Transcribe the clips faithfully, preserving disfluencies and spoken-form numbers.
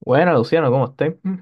Bueno, Luciano, ¿cómo estás? Mm.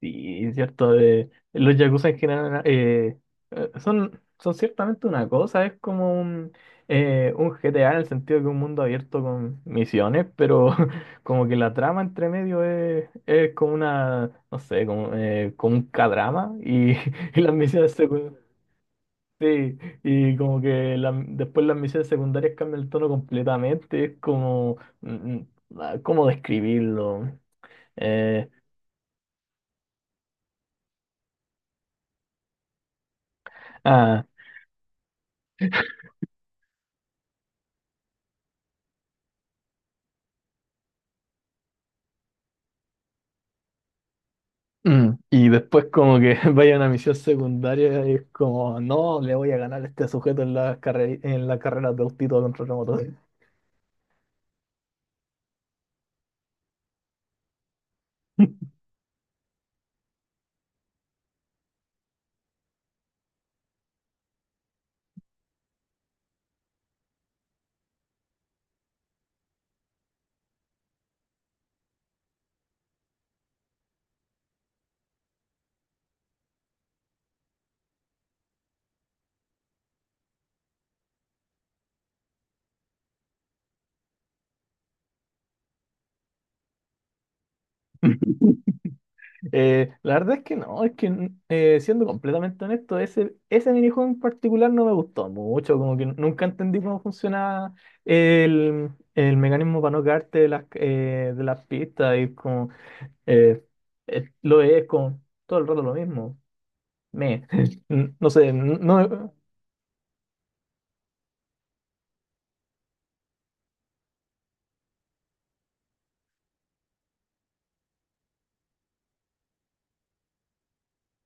Sí, es cierto. De, los yakuza en general, eh, eh, son, son ciertamente una cosa. Es como un, eh, un G T A en el sentido que un mundo abierto con misiones, pero como que la trama entre medio es, es como una, no sé, como, eh, como un K-drama, y, y las misiones secundarias. Sí, y como que la- después las misiones secundarias cambian el tono completamente, es como, mm, mm, ah, ¿cómo describirlo? Eh, ah, Mm. Y después como que vaya a una misión secundaria y es como, no, le voy a ganar a este sujeto en la carrera, en la carrera de autito contra remoto. Eh, la verdad es que no, es que mm, eh, siendo completamente honesto, ese, ese minijuego en particular no me gustó mucho, como que nunca entendí cómo funcionaba el, el mecanismo para no caerte de las, eh, de las pistas y como eh, eh, lo es como todo el rato lo mismo. Me, no sé, no.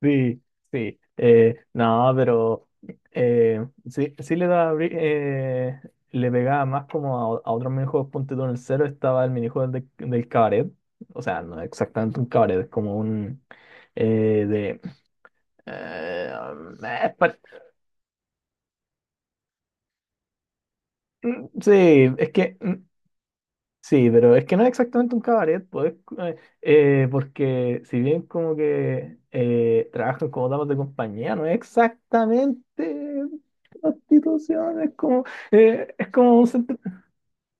Sí, sí. Eh, no, pero eh, sí, sí le da bri- eh, le pegaba más como a, a otros minijuegos. Ponte tú en el cero estaba el minijuego del, del cabaret. O sea, no es exactamente un cabaret, es como un eh, de eh, um, eh, pa- mm. Sí, es que mm. Sí, pero es que no es exactamente un cabaret, pues, eh, eh, porque si bien como que eh, trabajan como damas de compañía, no es exactamente prostitución, es como, eh, es como un centro...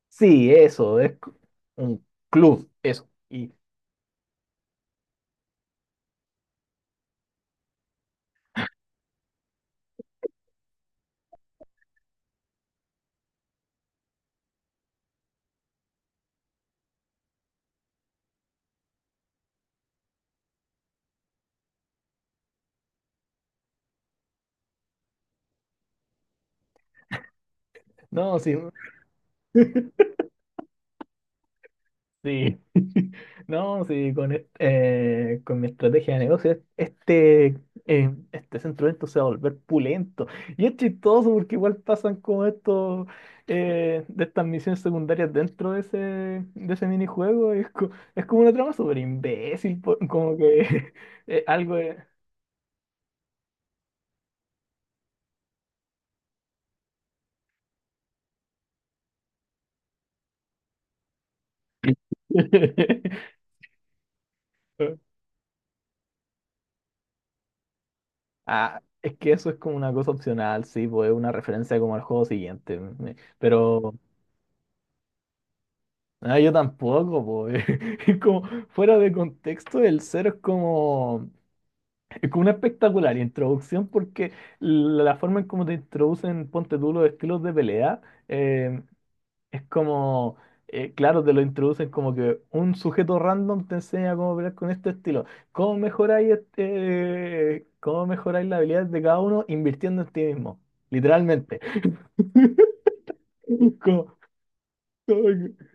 Sí, eso, es c- un club, eso. Y no, sí. Sí, no, sí, con, est- eh, con mi estrategia de negocio, este, eh, este centro de eventos se va a volver pulento. Y es chistoso porque igual pasan como estos, eh, de estas misiones secundarias dentro de ese, de ese minijuego. Y es, co- es como una trama súper imbécil, po- como que eh, algo de... Ah, es que eso es como una cosa opcional, sí, pues es una referencia como al juego siguiente. Pero... Ah, yo tampoco, pues. Es como, fuera de contexto, el cero es como, es como una espectacular introducción porque la, la forma en cómo te introducen, ponte tú, los estilos de pelea, eh, es como, eh, claro, te lo introducen como que un sujeto random te enseña cómo pelear con este estilo. ¿Cómo mejoráis este, cómo mejoráis las habilidades de cada uno invirtiendo en ti mismo? Literalmente. Como- como que-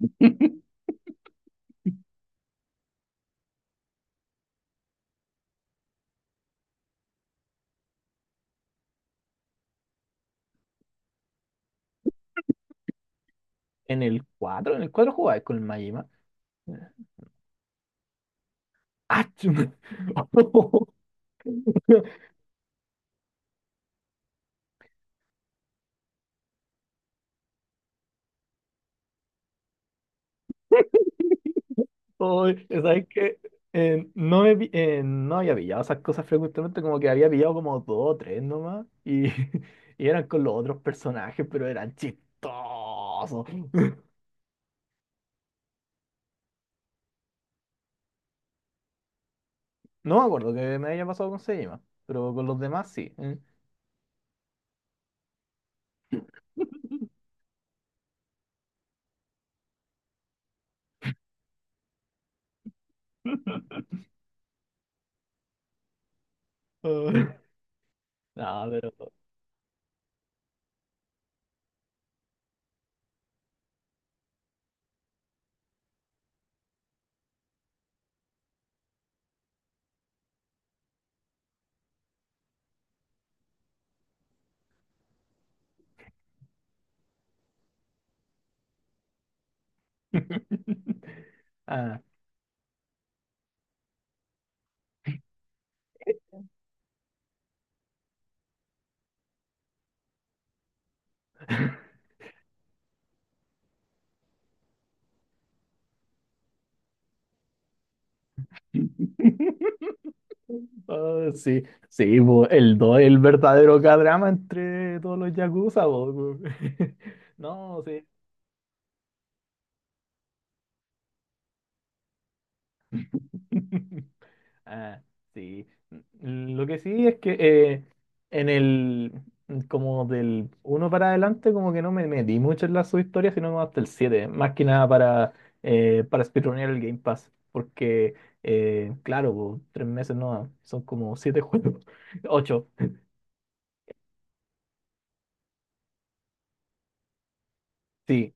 en el cuatro en el cuatro jugabas con el Majima. ¡Ah! Ay, ¿sabes qué? Eh, no, he, pi- eh, no había pillado esas cosas frecuentemente, como que había pillado como dos o tres nomás, y, y eran con los otros personajes, pero eran chistosos. No me acuerdo que me haya pasado con Sejima, pero con los demás sí. ¿Eh? Ah. No, pero... Ah. Ah, sí, sí, bo, el dos es el verdadero K-drama entre todos los Yakuza, bo. No, sí. Ah, sí. Mm. Lo que sí es que eh, en el, como del uno para adelante, como que no me metí mucho en la subhistoria, sino hasta el siete más que nada para, eh, para speedrunear el Game Pass, porque, eh, claro, bo, tres meses no, son como siete juegos, ocho. Sí.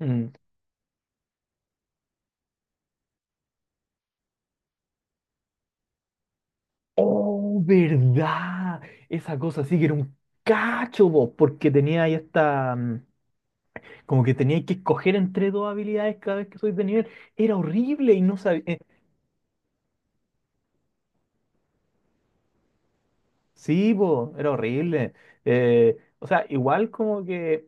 Mm. Oh, verdad. Esa cosa sí que era un cacho, vos, porque tenía ahí esta, mm, como que tenía que escoger entre dos habilidades cada vez que soy de nivel. Era horrible y no sabía. Eh, sí, vos, era horrible. Eh, o sea, igual como que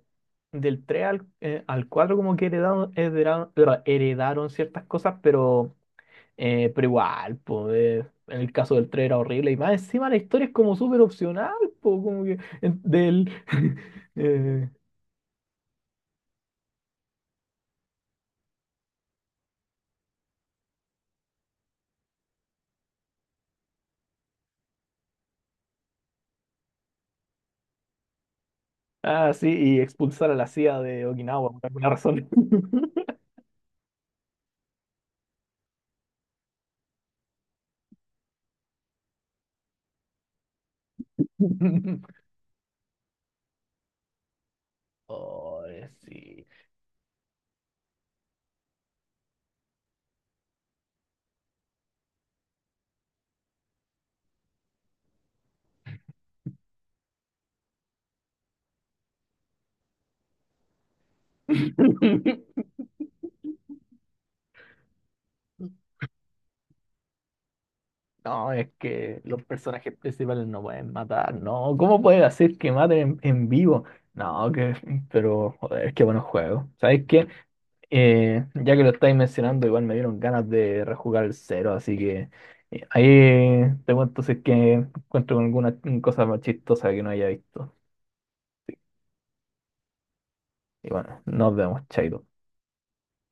del tres al, eh, al cuatro como que heredaron, heredaron, heredaron ciertas cosas, pero, eh, pero igual, pues, en el caso del tres era horrible. Y más encima la historia es como súper opcional, pues, como que en- del... Eh, Ah, sí, y expulsar a la C I A de Okinawa por alguna razón. Oh, sí. No, es que los personajes principales no pueden matar, ¿no? ¿Cómo puedes hacer que maten en, en vivo? No, que, pero, joder, qué buenos juegos. ¿Sabes qué? Eh, ya que lo estáis mencionando, igual me dieron ganas de rejugar el cero, así que eh, ahí te cuento si es que encuentro alguna cosa más chistosa que no haya visto. Sí. Y bueno, nos vemos, chaito.